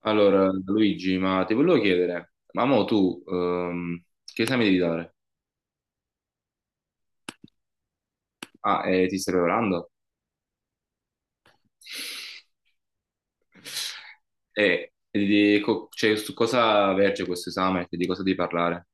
Allora, Luigi, ma ti volevo chiedere, ma mo tu che esame devi dare? Ah, ti stai preparando? Cioè, su cosa verge questo esame? Di cosa devi parlare?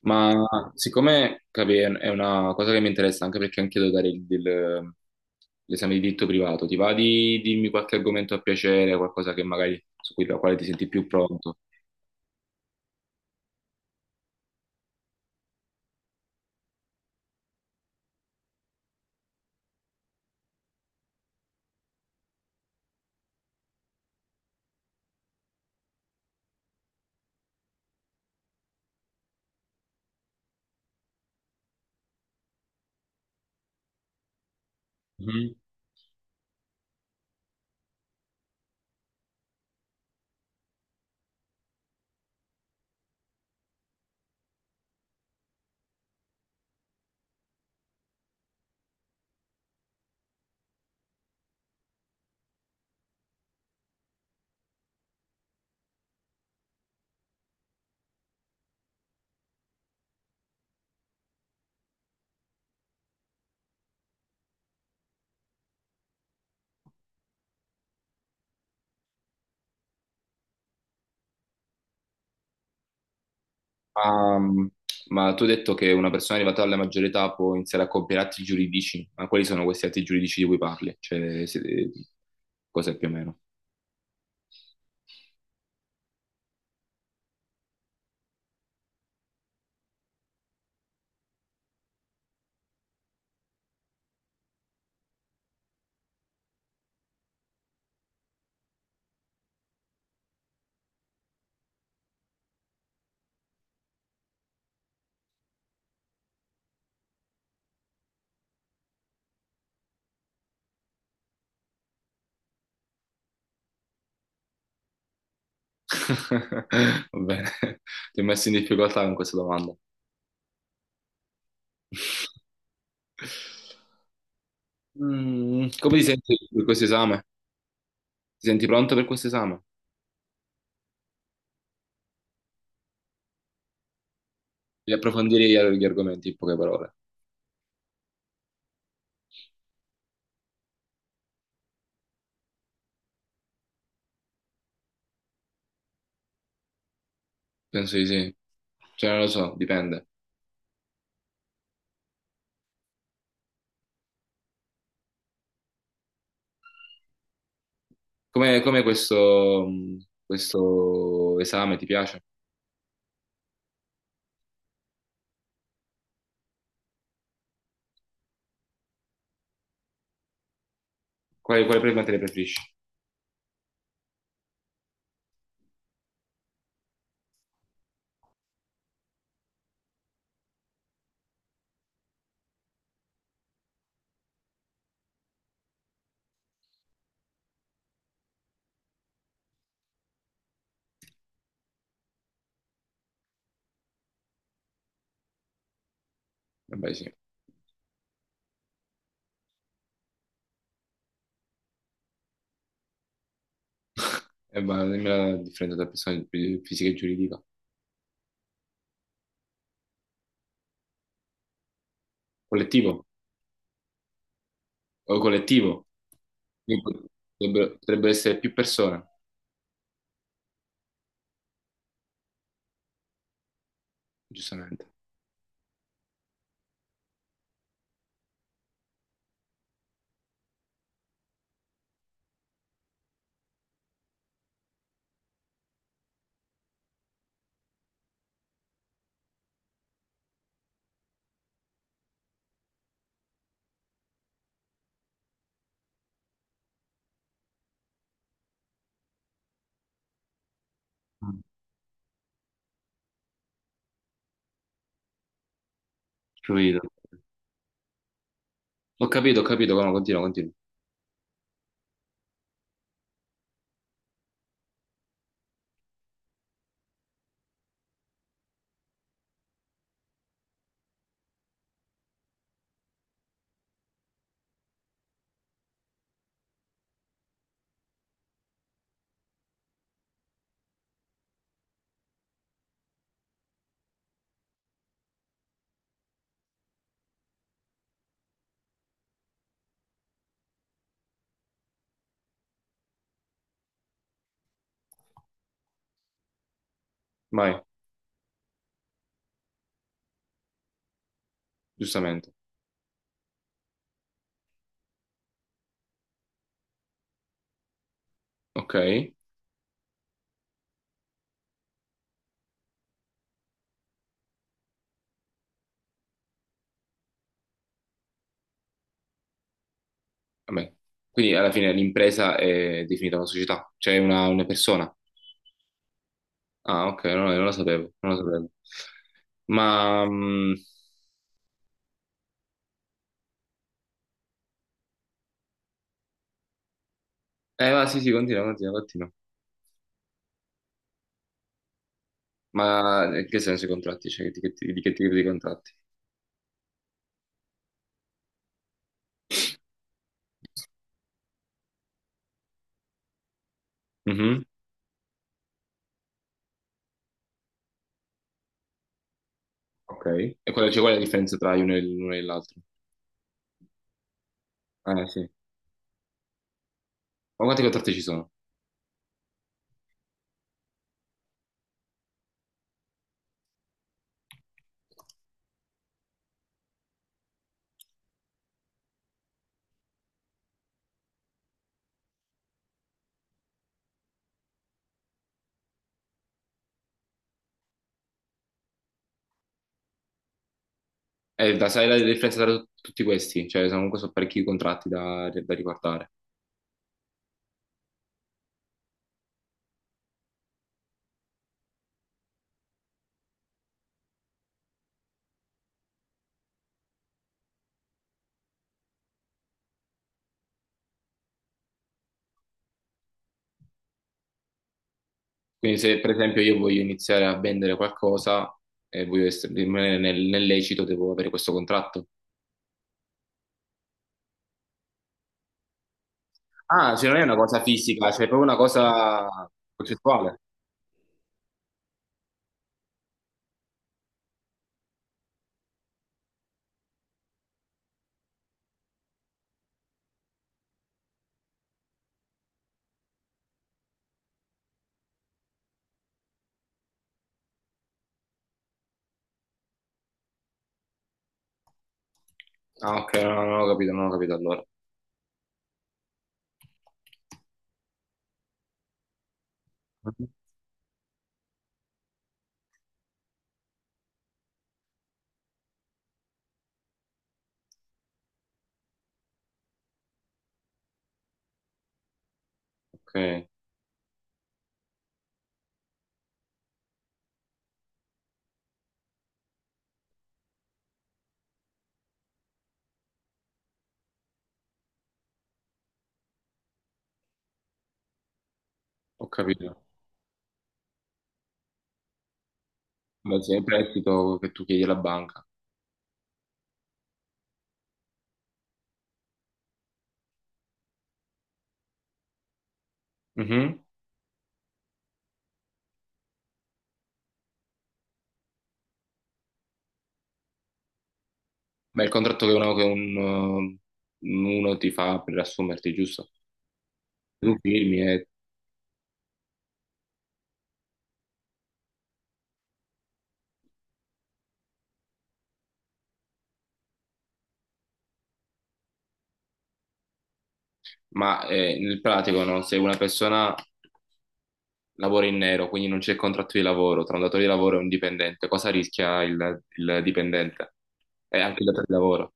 Ma siccome capi, è una cosa che mi interessa anche perché anche io devo dare l'esame di diritto privato, ti va di dirmi qualche argomento a piacere, qualcosa che magari su cui, la quale ti senti più pronto? Ma, ma tu hai detto che una persona arrivata alla maggiore età può iniziare a compiere atti giuridici, ma quali sono questi atti giuridici di cui parli? Cioè, cos'è più o meno? Va bene, ti ho messo in difficoltà con questa domanda. Mm, come ti senti per questo esame? Ti senti pronto per questo esame? Di approfondire gli argomenti, in poche parole. Penso di sì. Cioè, non lo so, dipende. Come questo, questo esame ti piace? Quale materia preferisci? Vabbè, sì. Ma dimmi la differenza tra fisica e giuridica. Collettivo o collettivo. Quindi pot- Potrebbero, potrebbero essere più persone, giustamente. Mm. Capito. Ho capito, ho capito. No, continua, continua. Vai, giustamente. Ok. Vabbè. Quindi alla fine l'impresa è definita una società, cioè una persona. Ah, ok, no, non lo sapevo, non lo sapevo. Ma... mm, eh, va, sì, sì, continua, continua, continua. Ma in che senso i contratti? Cioè, di che tipo di contratti? Mhm. Ok. E qual è, cioè, qual è la differenza tra uno e l'uno e l'altro? Sì. Ma quanti contratti ci sono? Da, sai la differenza tra tutti questi? Cioè, sono comunque sono parecchi contratti da, da riguardare. Quindi se, per esempio, io voglio iniziare a vendere qualcosa e voglio rimanere nel, nel lecito, devo avere questo contratto. Ah, cioè non è una cosa fisica, cioè è proprio una cosa concettuale. Ah, ok, no, no, non ho capito, non ho capito allora. Ok, ho capito. Beh, sì, è il prestito che tu chiedi alla banca. Mhm. Ma il contratto che uno ti fa per assumerti, giusto? Tu firmi, ma nel pratico, no? Se una persona lavora in nero, quindi non c'è contratto di lavoro tra un datore di lavoro e un dipendente, cosa rischia il dipendente? E anche il datore di lavoro.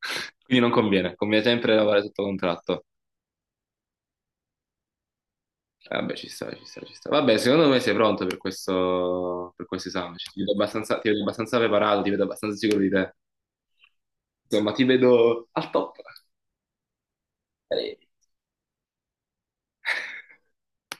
Quindi non conviene, conviene sempre lavorare sotto contratto. Vabbè, ci sta, ci sta, ci sta. Vabbè, secondo me sei pronto per questo esame. Cioè, ti vedo abbastanza, ti vedo abbastanza preparato, ti vedo abbastanza sicuro di te. Insomma, ti vedo al top. Eh,